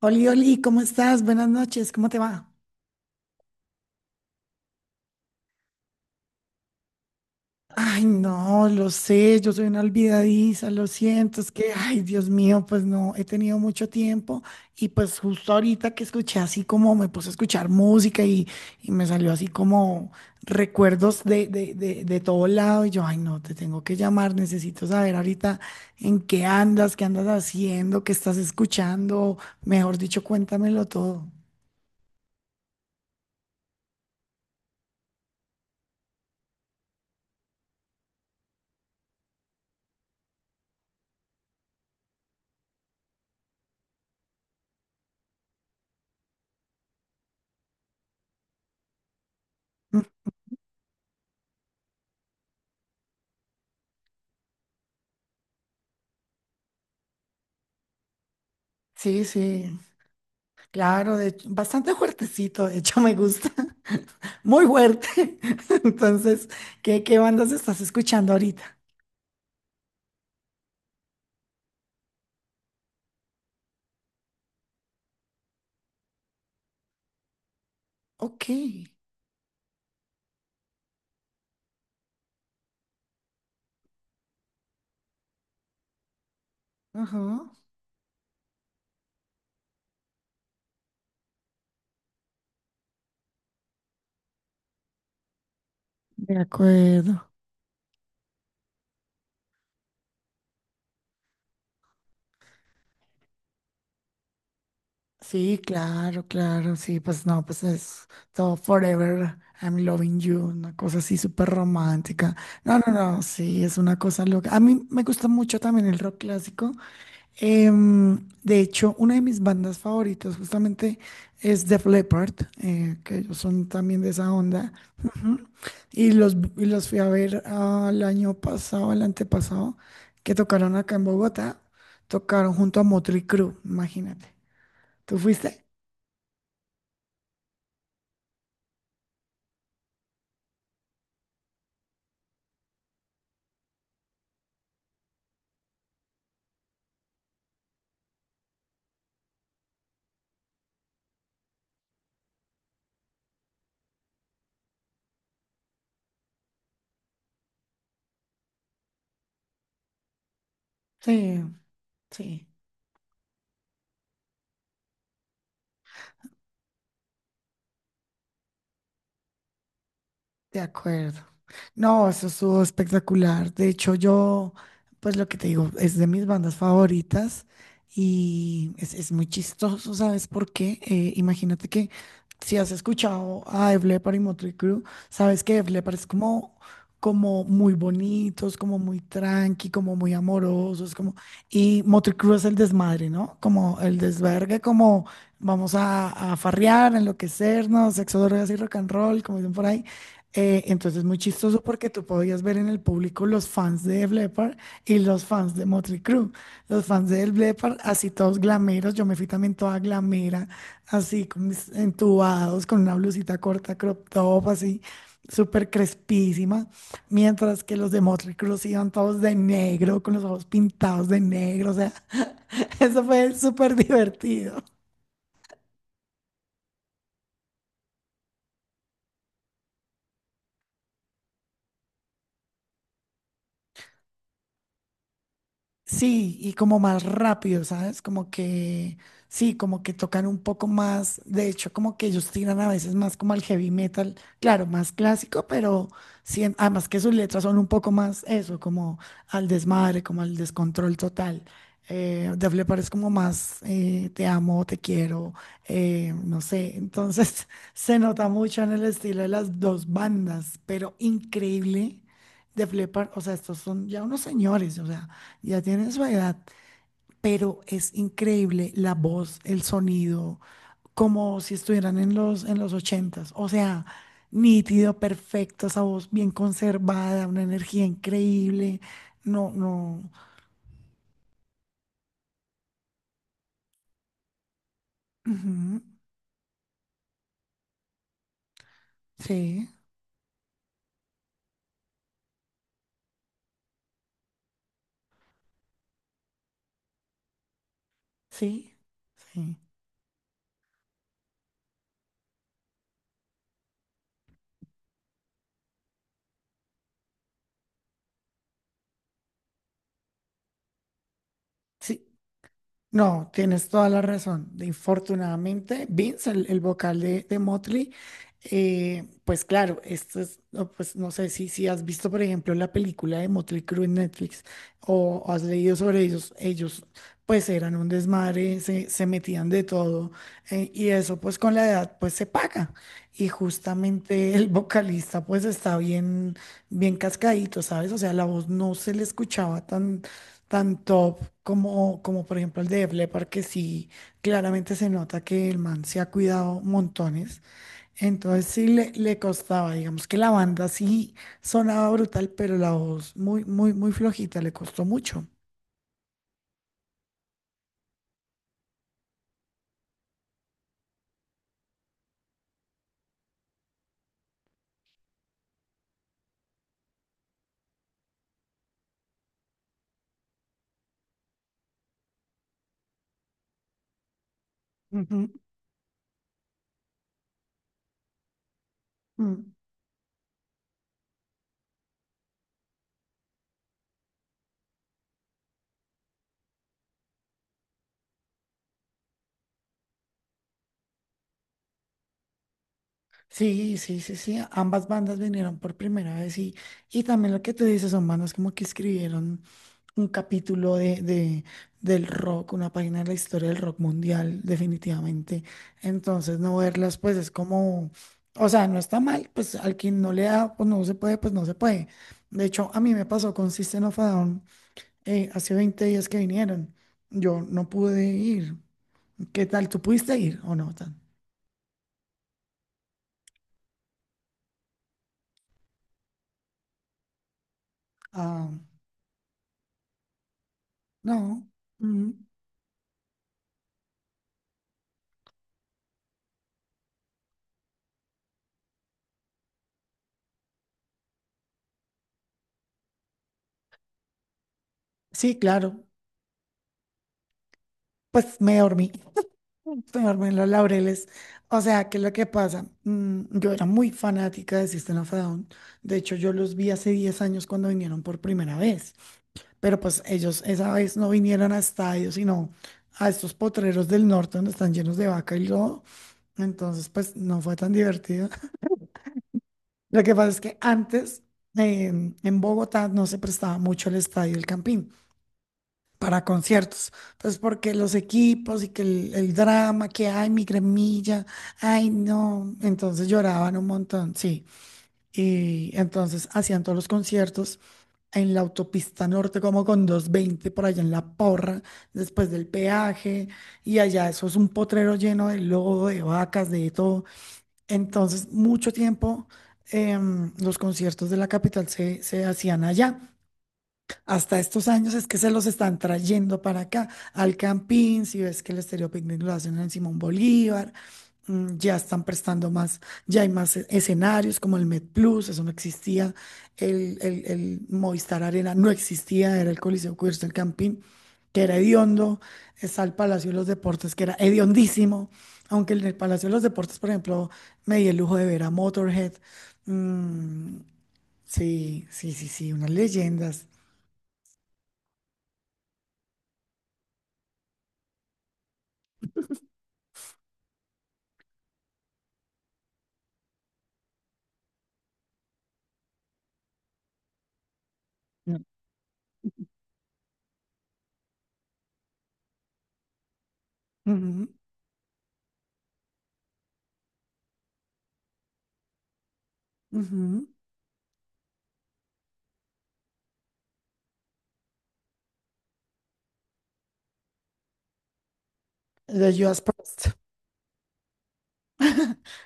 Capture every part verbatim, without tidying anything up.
Oli, Oli, ¿cómo estás? Buenas noches, ¿cómo te va? Ay, no, lo sé, yo soy una olvidadiza, lo siento, es que, ay, Dios mío, pues no, he tenido mucho tiempo y pues justo ahorita que escuché, así como me puse a escuchar música, y, y me salió así como recuerdos de, de, de, de todo lado y yo, ay, no, te tengo que llamar, necesito saber ahorita en qué andas, qué andas haciendo, qué estás escuchando, mejor dicho, cuéntamelo todo. Sí, sí. Claro, de hecho, bastante fuertecito, de hecho me gusta, muy fuerte. Entonces, ¿qué, qué bandas estás escuchando ahorita? Ok, ajá, de acuerdo. Sí, claro, claro, sí, pues no, pues es todo Forever, I'm Loving You, una cosa así súper romántica. No, no, no, sí, es una cosa loca. A mí me gusta mucho también el rock clásico. Em, de hecho, una de mis bandas favoritas justamente es Def Leppard, eh, que ellos son también de esa onda. Ujú. Y los, y los fui a ver al año pasado, al antepasado, que tocaron acá en Bogotá. Tocaron junto a Motley Crue, imagínate. ¿Tú fuiste? Sí, sí. De acuerdo. No, eso estuvo espectacular. De hecho, yo, pues lo que te digo, es de mis bandas favoritas y es, es muy chistoso, ¿sabes por qué? Eh, imagínate que, si has escuchado a Def Leppard y Motley Crue, sabes que Def Leppard es como, como muy bonitos, como muy tranqui, como muy amorosos, como... Y Motley Crue es el desmadre, ¿no? Como el desvergue, como vamos a, a farrear, enloquecernos, sexo, drogas y rock and roll, como dicen por ahí. Eh, entonces, muy chistoso porque tú podías ver en el público los fans de Def Leppard y los fans de Motley Crue. Los fans de Def Leppard, así todos glameros. Yo me fui también toda glamera, así con mis entubados, con una blusita corta, crop top, así súper crespísima. Mientras que los de Motley Crue sí iban todos de negro, con los ojos pintados de negro. O sea, eso fue súper divertido. Sí, y como más rápido, ¿sabes? Como que, sí, como que tocan un poco más, de hecho, como que ellos tiran a veces más como al heavy metal, claro, más clásico, pero sí, en- además que sus letras son un poco más eso, como al desmadre, como al descontrol total. Eh, Def Leppard es como más, eh, te amo, te quiero, eh, no sé, entonces se nota mucho en el estilo de las dos bandas, pero increíble. Def Leppard, o sea, estos son ya unos señores, o sea. Ya tiene su edad, pero es increíble la voz, el sonido, como si estuvieran en los, en los ochentas. O sea, nítido, perfecto, esa voz bien conservada, una energía increíble. No, no. Ujú. Sí, sí, sí. Sí. No, tienes toda la razón. Infortunadamente, Vince, el, el vocal de, de Motley, eh, pues claro, esto es, no, pues no sé si, si has visto, por ejemplo, la película de Motley Crue en Netflix o, o has leído sobre ellos. Ellos, pues eran un desmadre, se, se metían de todo, eh, y eso, pues con la edad, pues se paga. Y justamente el vocalista, pues está bien, bien cascadito, ¿sabes? O sea, la voz no se le escuchaba tan tan top como, como por ejemplo el de Def Leppard, que sí, claramente se nota que el man se ha cuidado montones. Entonces sí le, le costaba, digamos que la banda sí sonaba brutal, pero la voz muy, muy, muy flojita, le costó mucho. Ujú. Mm. Sí, sí, sí, sí. Ambas bandas vinieron por primera vez y, y también lo que tú dices son bandas como que escribieron un capítulo de, de- del rock, una página de la historia del rock mundial, definitivamente. Entonces, no verlas, pues es como, o sea, no está mal, pues al quien no le da, pues no se puede, pues no se puede. De hecho, a mí me pasó con System of a Down, eh, hace veinte días que vinieron. Yo no pude ir. ¿Qué tal? ¿Tú pudiste ir o no? Tan... Ah, no. Sí, claro. Pues me dormí, me dormí en los laureles. O sea, ¿qué es lo que pasa? Mm, yo era muy fanática de System of a Down. De hecho, yo los vi hace diez años cuando vinieron por primera vez. Pero pues ellos esa vez no vinieron a estadios, sino a estos potreros del norte donde están llenos de vaca y lodo. Entonces, pues no fue tan divertido. Lo que pasa es que antes, eh, en Bogotá, no se prestaba mucho el estadio El Campín para conciertos. Entonces, porque los equipos y que el, el drama que hay, mi gremilla, ay, no. Entonces lloraban un montón, sí. Y entonces hacían todos los conciertos en la autopista norte, como con doscientos veinte por allá en La Porra, después del peaje, y allá eso es un potrero lleno de lodo, de vacas, de todo. Entonces, mucho tiempo em, los conciertos de la capital se, se hacían allá. Hasta estos años es que se los están trayendo para acá, al Campín, si ves que el Estéreo Picnic lo hacen en Simón Bolívar, mm, ya están prestando más, ya hay más e- escenarios como el Med Plus, eso no existía, el, el, el Movistar Arena no existía, era el Coliseo Cubierto del Campín, que era hediondo, está el Palacio de los Deportes, que era hediondísimo, aunque en el Palacio de los Deportes, por ejemplo, me di el lujo de ver a Motorhead, mm, sí, sí, sí, sí, unas leyendas. Ujú, ujú. The Just Post.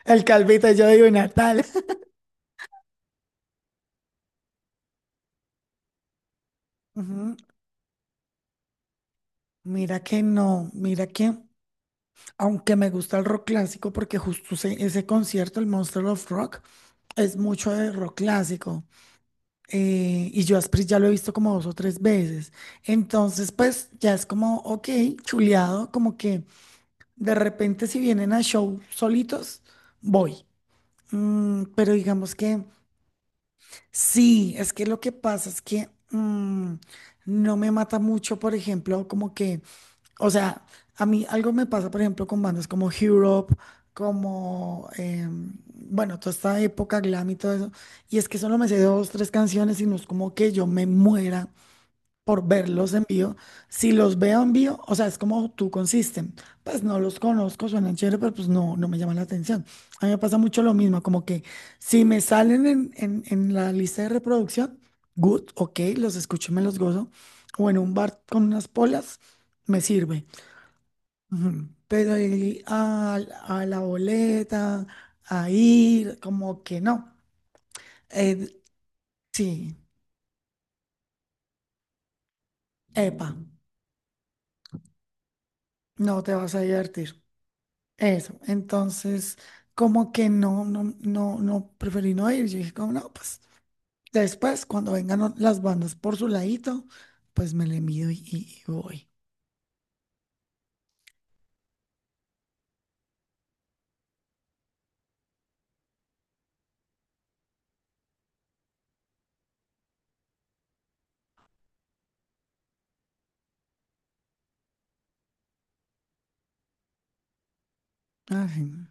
El calvito, de yo digo, Natal. Ujú. Mira que no, mira que, aunque me gusta el rock clásico, porque justo ese, ese concierto, el Monster of Rock, es mucho de rock clásico. Eh, y yo a Asprey ya lo he visto como dos o tres veces. Entonces, pues ya es como, ok, chuleado, como que de repente si vienen a show solitos, voy. Mm, pero digamos que. Sí, es que lo que pasa es que mm, no me mata mucho, por ejemplo, como que, o sea, a mí algo me pasa, por ejemplo, con bandas como Europe, como, em, bueno, toda esta época glam y todo eso, y es que solo me sé dos, tres canciones y no es como que yo me muera por verlos en vivo. Si los veo en vivo, o sea, es como tú consisten. Pues no los conozco, suenan chévere, pero pues no, no me llaman la atención. A mí me pasa mucho lo mismo, como que si me salen en, en, en la lista de reproducción, good, ok, los escucho y me los gozo. O en un bar con unas polas, me sirve. Ujú. Pero ir a, a la boleta, a ir, como que no. Eh, sí, epa, no te vas a divertir. Eso, entonces como que no, no, no, no, preferí no ir. Yo dije como no, pues después cuando vengan o- las bandas por su ladito, pues me le mido y, y- y voy. Ay, no.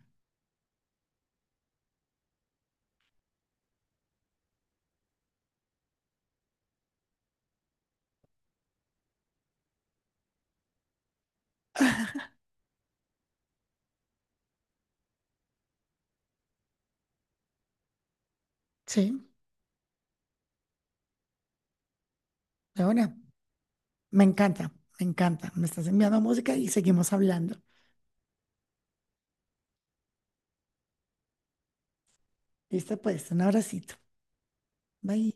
Sí, de una. Me encanta, me encanta. Me estás enviando música y seguimos hablando. Listo, pues, un abracito. Bye.